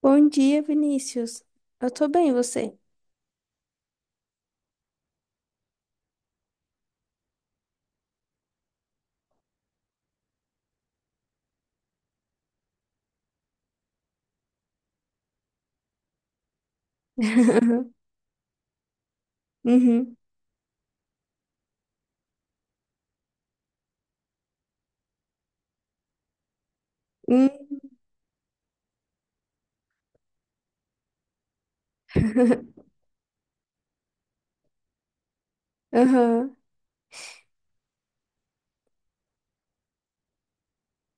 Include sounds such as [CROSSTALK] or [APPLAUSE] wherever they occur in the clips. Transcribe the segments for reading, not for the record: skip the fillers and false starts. Bom dia, Vinícius. Eu tô bem, e você? [LAUGHS] Uhum. Hum, aham.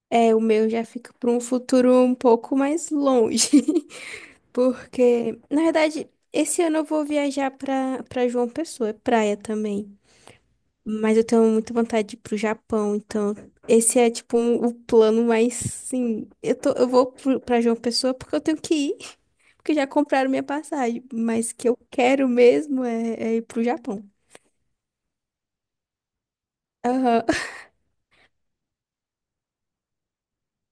É, o meu já fica para um futuro um pouco mais longe, [LAUGHS] porque, na verdade, esse ano eu vou viajar para João Pessoa, é praia também. Mas eu tenho muita vontade de ir pro Japão, então esse é tipo o plano mais sim. Eu tô, eu vou pra João Pessoa porque eu tenho que ir, [LAUGHS] porque já compraram minha passagem, mas que eu quero mesmo é, é ir pro Japão. Aham.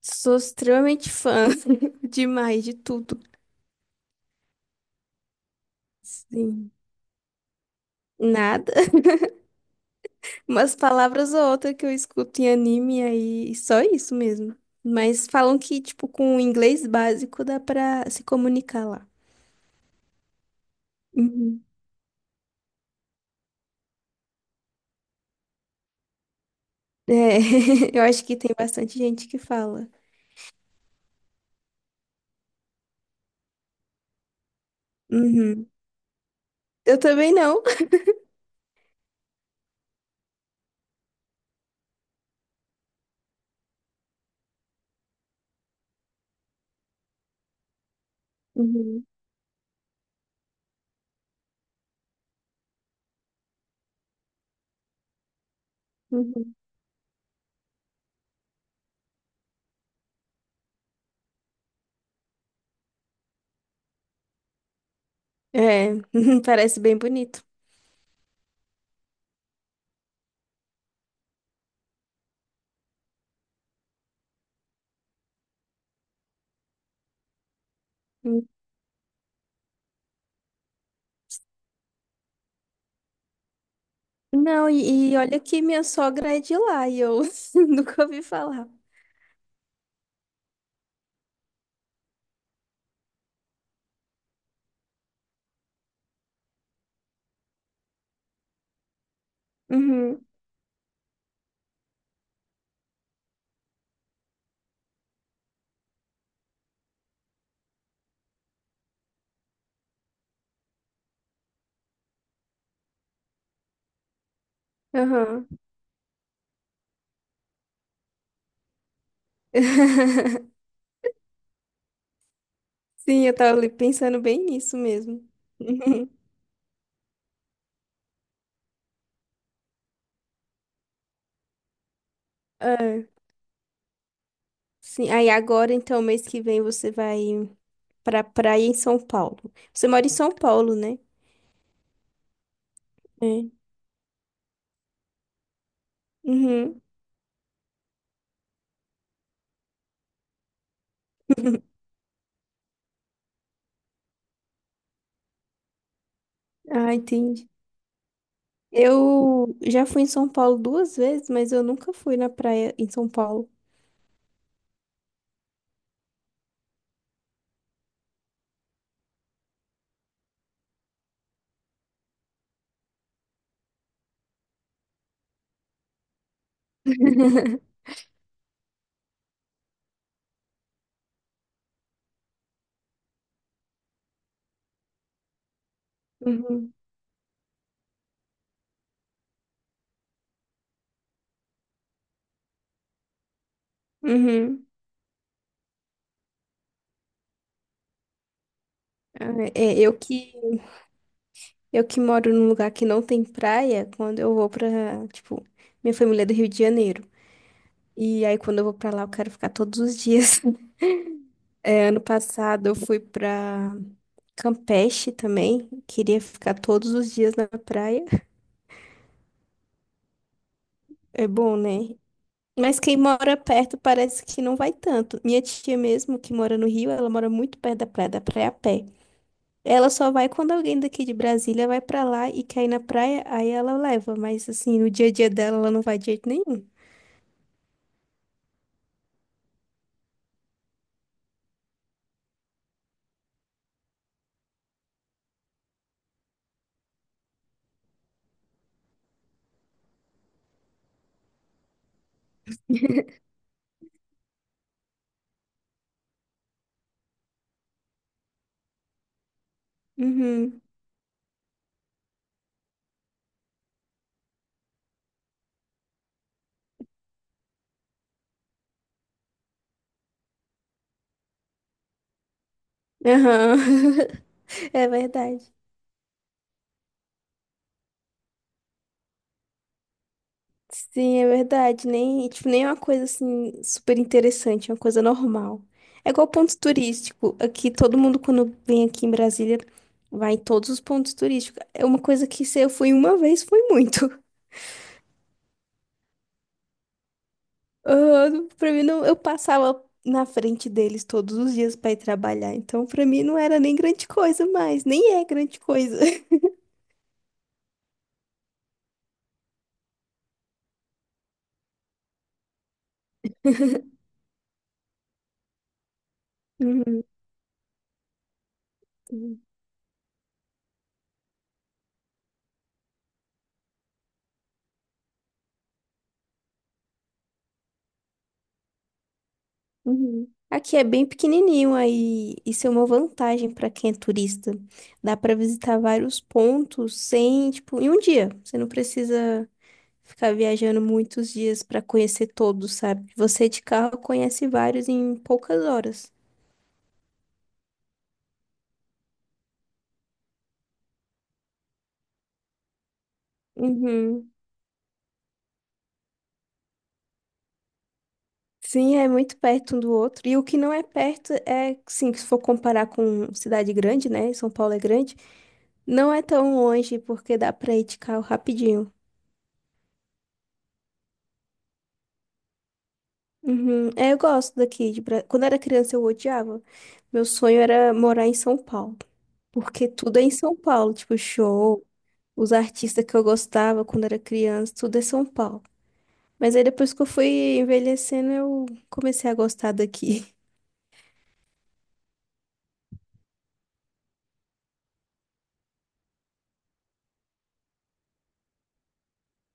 Sou extremamente fã [LAUGHS] demais de tudo. Sim. Nada. [LAUGHS] Umas palavras ou outra que eu escuto em anime aí, e só isso mesmo. Mas falam que, tipo, com o inglês básico dá pra se comunicar lá. Uhum. É, [LAUGHS] eu acho que tem bastante gente que fala. Uhum. Eu também não. Uhum. Uhum. É, [LAUGHS] parece bem bonito. Uhum. Não, e olha que minha sogra é de lá e eu [LAUGHS] nunca ouvi falar. Uhum. Aham. [LAUGHS] Sim, eu tava ali pensando bem nisso mesmo. [LAUGHS] É, sim. Aí agora, então, mês que vem você vai pra praia em São Paulo. Você mora em São Paulo, né? É. Uhum. [LAUGHS] Ah, entendi. Eu já fui em São Paulo duas vezes, mas eu nunca fui na praia em São Paulo. [LAUGHS] Uhum. Uhum. Ah, é, eu que moro num lugar que não tem praia, quando eu vou pra, tipo, minha família é do Rio de Janeiro. E aí, quando eu vou pra lá, eu quero ficar todos os dias. [LAUGHS] É, ano passado, eu fui pra Campeche também. Queria ficar todos os dias na praia. É bom, né? Mas quem mora perto parece que não vai tanto. Minha tia mesmo, que mora no Rio, ela mora muito perto da praia a pé. Ela só vai quando alguém daqui de Brasília vai pra lá e quer ir na praia, aí ela leva. Mas, assim, no dia a dia dela, ela não vai de jeito nenhum. Uhum. Aham. [LAUGHS] É verdade. Sim, é verdade. Nem, tipo, nem é uma coisa assim super interessante, é uma coisa normal. É igual ponto turístico. Aqui todo mundo quando vem aqui em Brasília vai em todos os pontos turísticos. É uma coisa que se eu fui uma vez foi muito. [LAUGHS] Ah, pra mim não, eu passava na frente deles todos os dias pra ir trabalhar. Então pra mim não era nem grande coisa mais, nem é grande coisa. [LAUGHS] Uhum. Uhum. Aqui é bem pequenininho, aí isso é uma vantagem para quem é turista. Dá para visitar vários pontos sem, tipo, em um dia. Você não precisa ficar viajando muitos dias para conhecer todos, sabe? Você de carro conhece vários em poucas horas. Uhum. Sim, é muito perto um do outro. E o que não é perto é, sim, se for comparar com cidade grande, né? São Paulo é grande, não é tão longe porque dá para ir de carro rapidinho. Uhum. É, eu gosto daqui. De... Bra- Quando era criança, eu odiava. Meu sonho era morar em São Paulo. Porque tudo é em São Paulo, tipo show, os artistas que eu gostava quando era criança, tudo é São Paulo. Mas aí depois que eu fui envelhecendo, eu comecei a gostar daqui.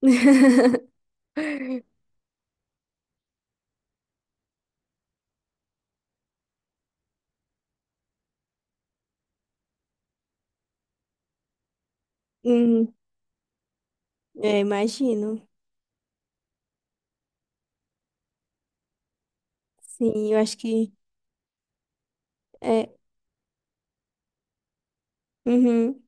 [LAUGHS] Uhum. É, imagino. Sim, eu acho que é. Uhum.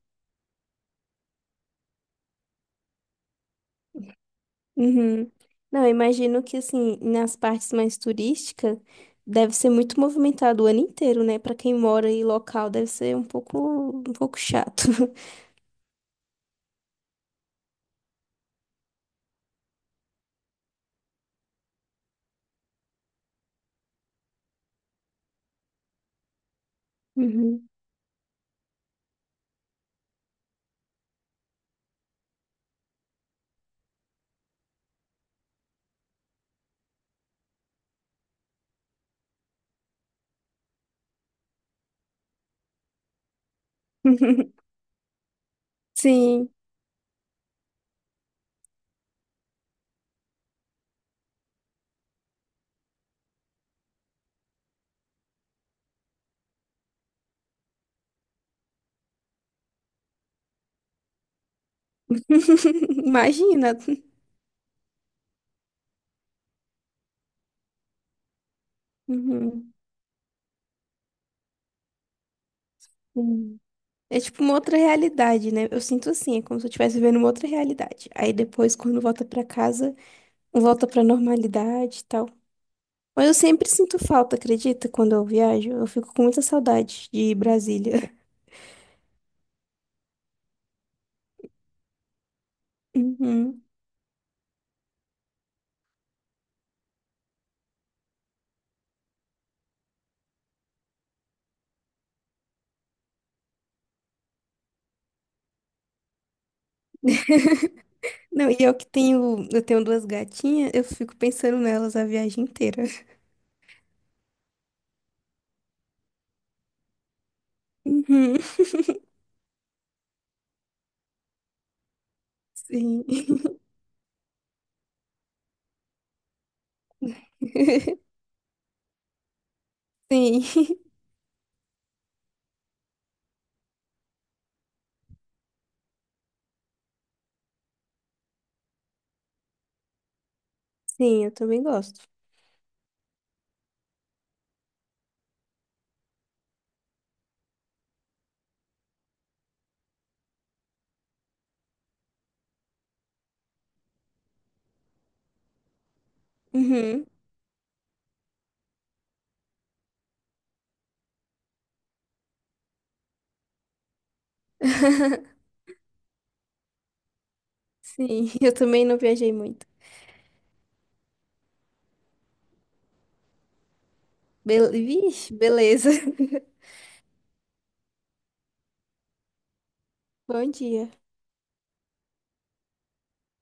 Uhum. Não, eu imagino que assim, nas partes mais turísticas, deve ser muito movimentado o ano inteiro, né? Pra quem mora em local, deve ser um pouco chato. [LAUGHS] Uhum. [LAUGHS] Sim. [LAUGHS] Imagina. Uhum. Sim. É tipo uma outra realidade, né? Eu sinto assim, é como se eu estivesse vivendo uma outra realidade. Aí depois, quando volta pra casa, volta pra normalidade e tal. Mas eu sempre sinto falta, acredita? Quando eu viajo, eu fico com muita saudade de Brasília. Uhum. [LAUGHS] Não, e eu que tenho, eu tenho duas gatinhas, eu fico pensando nelas a viagem inteira. Uhum. [LAUGHS] Sim. [LAUGHS] Sim. Sim, eu também gosto. Uhum. [LAUGHS] Sim, eu também não viajei muito. Bel... Vixe, beleza. [LAUGHS] Bom dia.